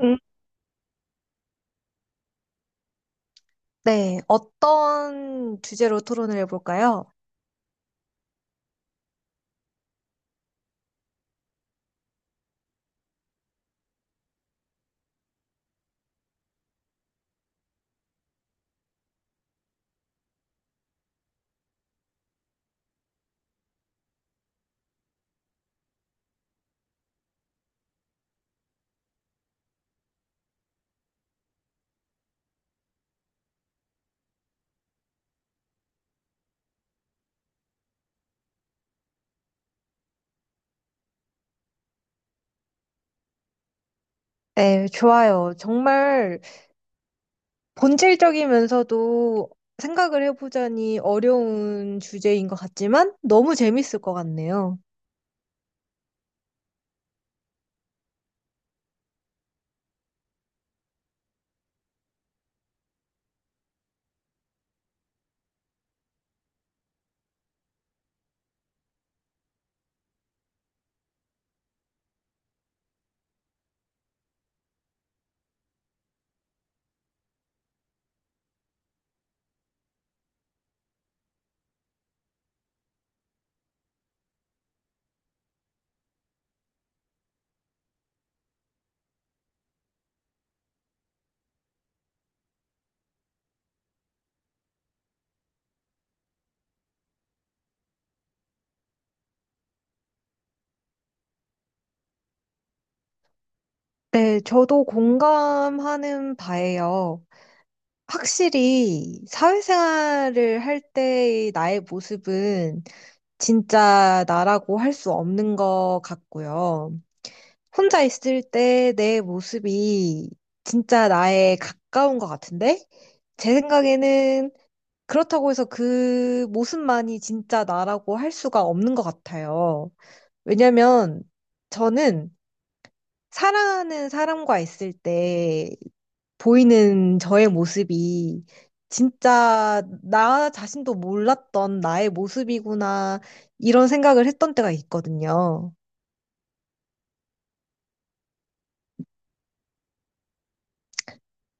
음, 네, 어떤 주제로 토론을 해볼까요? 네, 좋아요. 정말 본질적이면서도 생각을 해보자니 어려운 주제인 것 같지만 너무 재밌을 것 같네요. 네, 저도 공감하는 바예요. 확실히 사회생활을 할 때의 나의 모습은 진짜 나라고 할 수 없는 것 같고요. 혼자 있을 때 내 모습이 진짜 나에 가까운 것 같은데? 제 생각에는 그렇다고 해서 그 모습만이 진짜 나라고 할 수가 없는 것 같아요. 왜냐면 저는 사랑하는 사람과 있을 때 보이는 저의 모습이 진짜 나 자신도 몰랐던 나의 모습이구나, 이런 생각을 했던 때가 있거든요.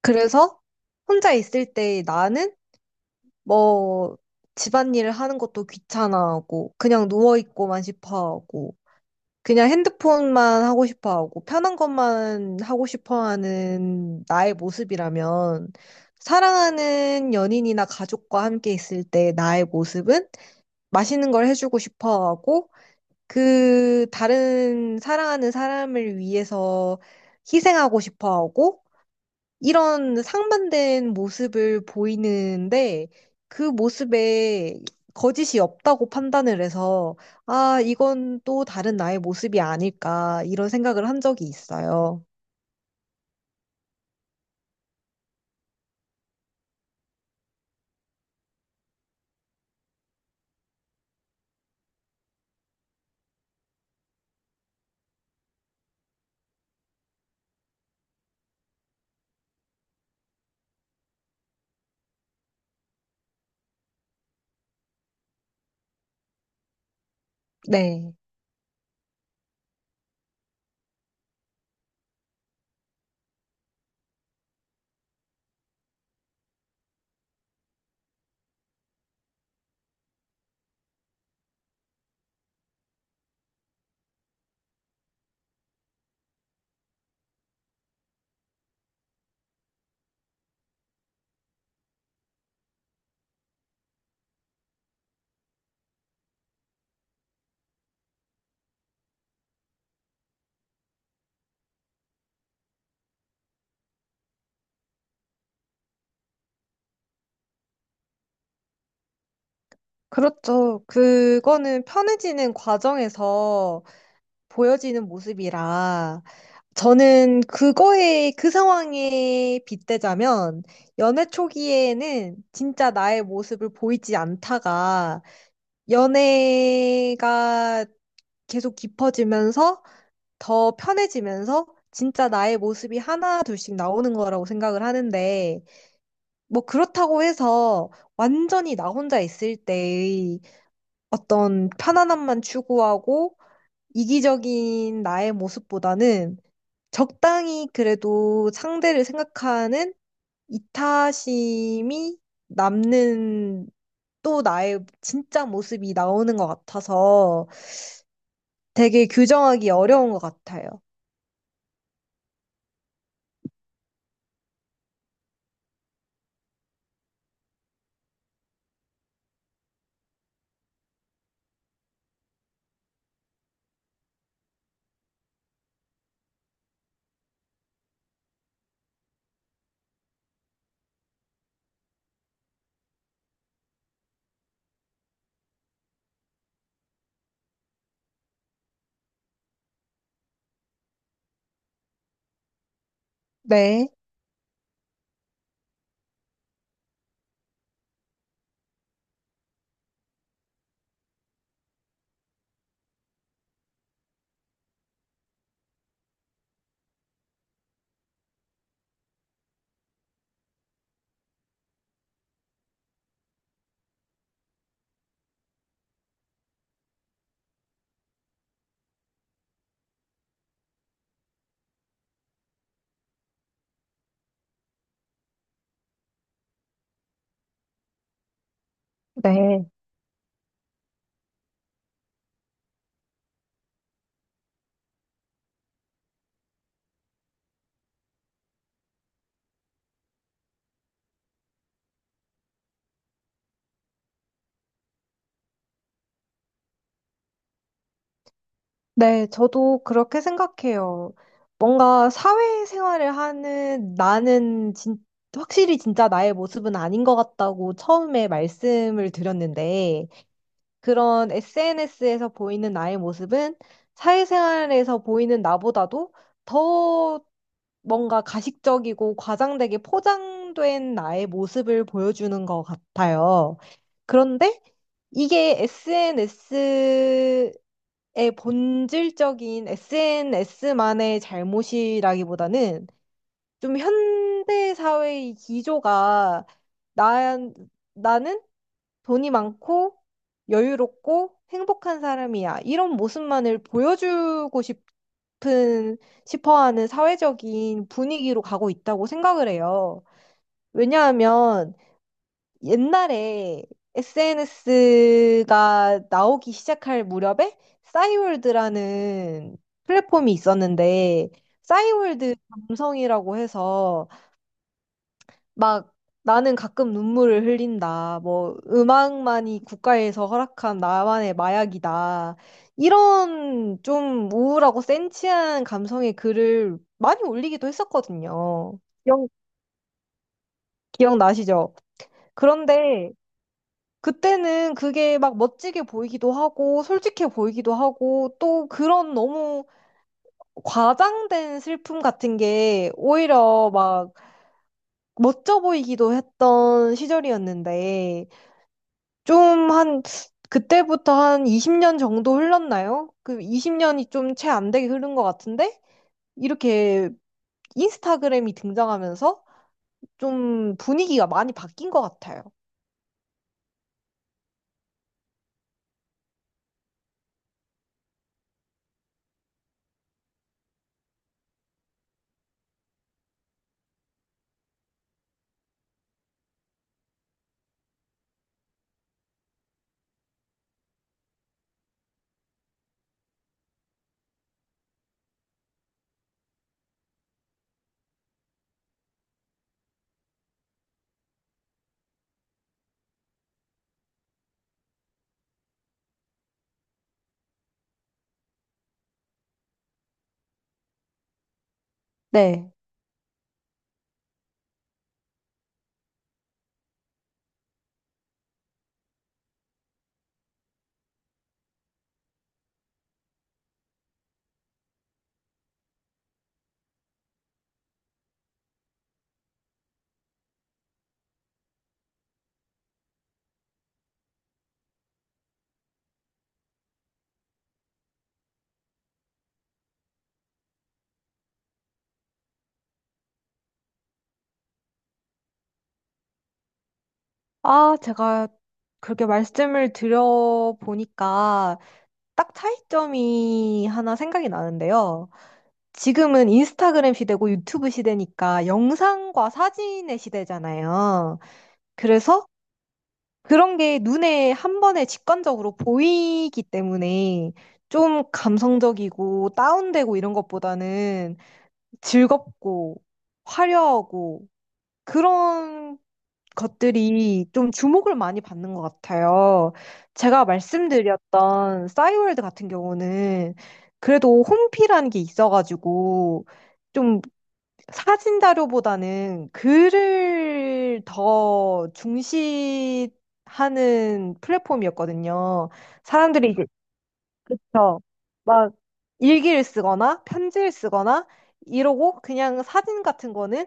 그래서 혼자 있을 때 나는 뭐 집안일을 하는 것도 귀찮아하고 그냥 누워있고만 싶어하고 그냥 핸드폰만 하고 싶어하고 편한 것만 하고 싶어하는 나의 모습이라면, 사랑하는 연인이나 가족과 함께 있을 때 나의 모습은 맛있는 걸 해주고 싶어하고 그 다른 사랑하는 사람을 위해서 희생하고 싶어하고 이런 상반된 모습을 보이는데, 그 모습에 거짓이 없다고 판단을 해서 아, 이건 또 다른 나의 모습이 아닐까, 이런 생각을 한 적이 있어요. 네. 그렇죠. 그거는 편해지는 과정에서 보여지는 모습이라, 저는 그거에 그 상황에 빗대자면 연애 초기에는 진짜 나의 모습을 보이지 않다가 연애가 계속 깊어지면서 더 편해지면서 진짜 나의 모습이 하나 둘씩 나오는 거라고 생각을 하는데, 뭐 그렇다고 해서 완전히 나 혼자 있을 때의 어떤 편안함만 추구하고 이기적인 나의 모습보다는 적당히 그래도 상대를 생각하는 이타심이 남는 또 나의 진짜 모습이 나오는 것 같아서 되게 규정하기 어려운 것 같아요. 네, 네, 네, 저도 그렇게 생각해요. 뭔가 사회생활을 하는 나는 확실히 진짜 나의 모습은 아닌 것 같다고 처음에 말씀을 드렸는데, 그런 SNS에서 보이는 나의 모습은 사회생활에서 보이는 나보다도 더 뭔가 가식적이고 과장되게 포장된 나의 모습을 보여주는 것 같아요. 그런데 이게 SNS의 본질적인 SNS만의 잘못이라기보다는 좀 현대 사회의 기조가 나, 나는 돈이 많고 여유롭고 행복한 사람이야, 이런 모습만을 보여주고 싶어 하는 사회적인 분위기로 가고 있다고 생각을 해요. 왜냐하면 옛날에 SNS가 나오기 시작할 무렵에 싸이월드라는 플랫폼이 있었는데 싸이월드 감성이라고 해서 막 나는 가끔 눈물을 흘린다, 뭐 음악만이 국가에서 허락한 나만의 마약이다, 이런 좀 우울하고 센치한 감성의 글을 많이 올리기도 했었거든요. 기억, 기억나시죠? 그런데 그때는 그게 막 멋지게 보이기도 하고, 솔직해 보이기도 하고, 또 그런 너무 과장된 슬픔 같은 게 오히려 막 멋져 보이기도 했던 시절이었는데, 좀 한, 그때부터 한 20년 정도 흘렀나요? 그 20년이 좀 채 안 되게 흐른 것 같은데, 이렇게 인스타그램이 등장하면서 좀 분위기가 많이 바뀐 것 같아요. 네. 아, 제가 그렇게 말씀을 드려보니까 딱 차이점이 하나 생각이 나는데요. 지금은 인스타그램 시대고 유튜브 시대니까 영상과 사진의 시대잖아요. 그래서 그런 게 눈에 한 번에 직관적으로 보이기 때문에 좀 감성적이고 다운되고 이런 것보다는 즐겁고 화려하고 그런 것들이 좀 주목을 많이 받는 것 같아요. 제가 말씀드렸던 싸이월드 같은 경우는 그래도 홈피라는 게 있어가지고 좀 사진 자료보다는 글을 더 중시하는 플랫폼이었거든요. 사람들이 이제 저막 일기를 쓰거나 편지를 쓰거나 이러고 그냥 사진 같은 거는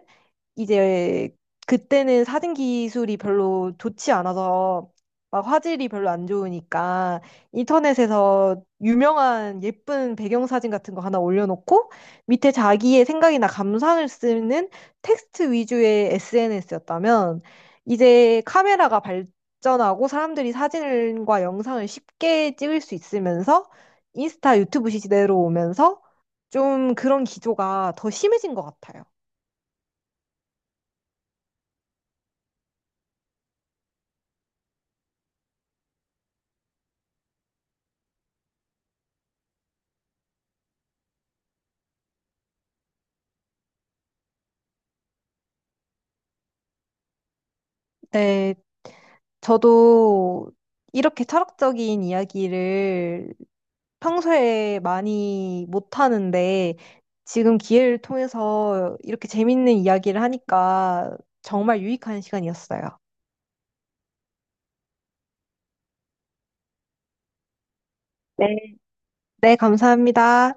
이제 그때는 사진 기술이 별로 좋지 않아서 막 화질이 별로 안 좋으니까 인터넷에서 유명한 예쁜 배경 사진 같은 거 하나 올려놓고 밑에 자기의 생각이나 감상을 쓰는 텍스트 위주의 SNS였다면, 이제 카메라가 발전하고 사람들이 사진과 영상을 쉽게 찍을 수 있으면서 인스타, 유튜브 시대로 오면서 좀 그런 기조가 더 심해진 것 같아요. 네. 저도 이렇게 철학적인 이야기를 평소에 많이 못하는데 지금 기회를 통해서 이렇게 재밌는 이야기를 하니까 정말 유익한 시간이었어요. 네. 네, 감사합니다.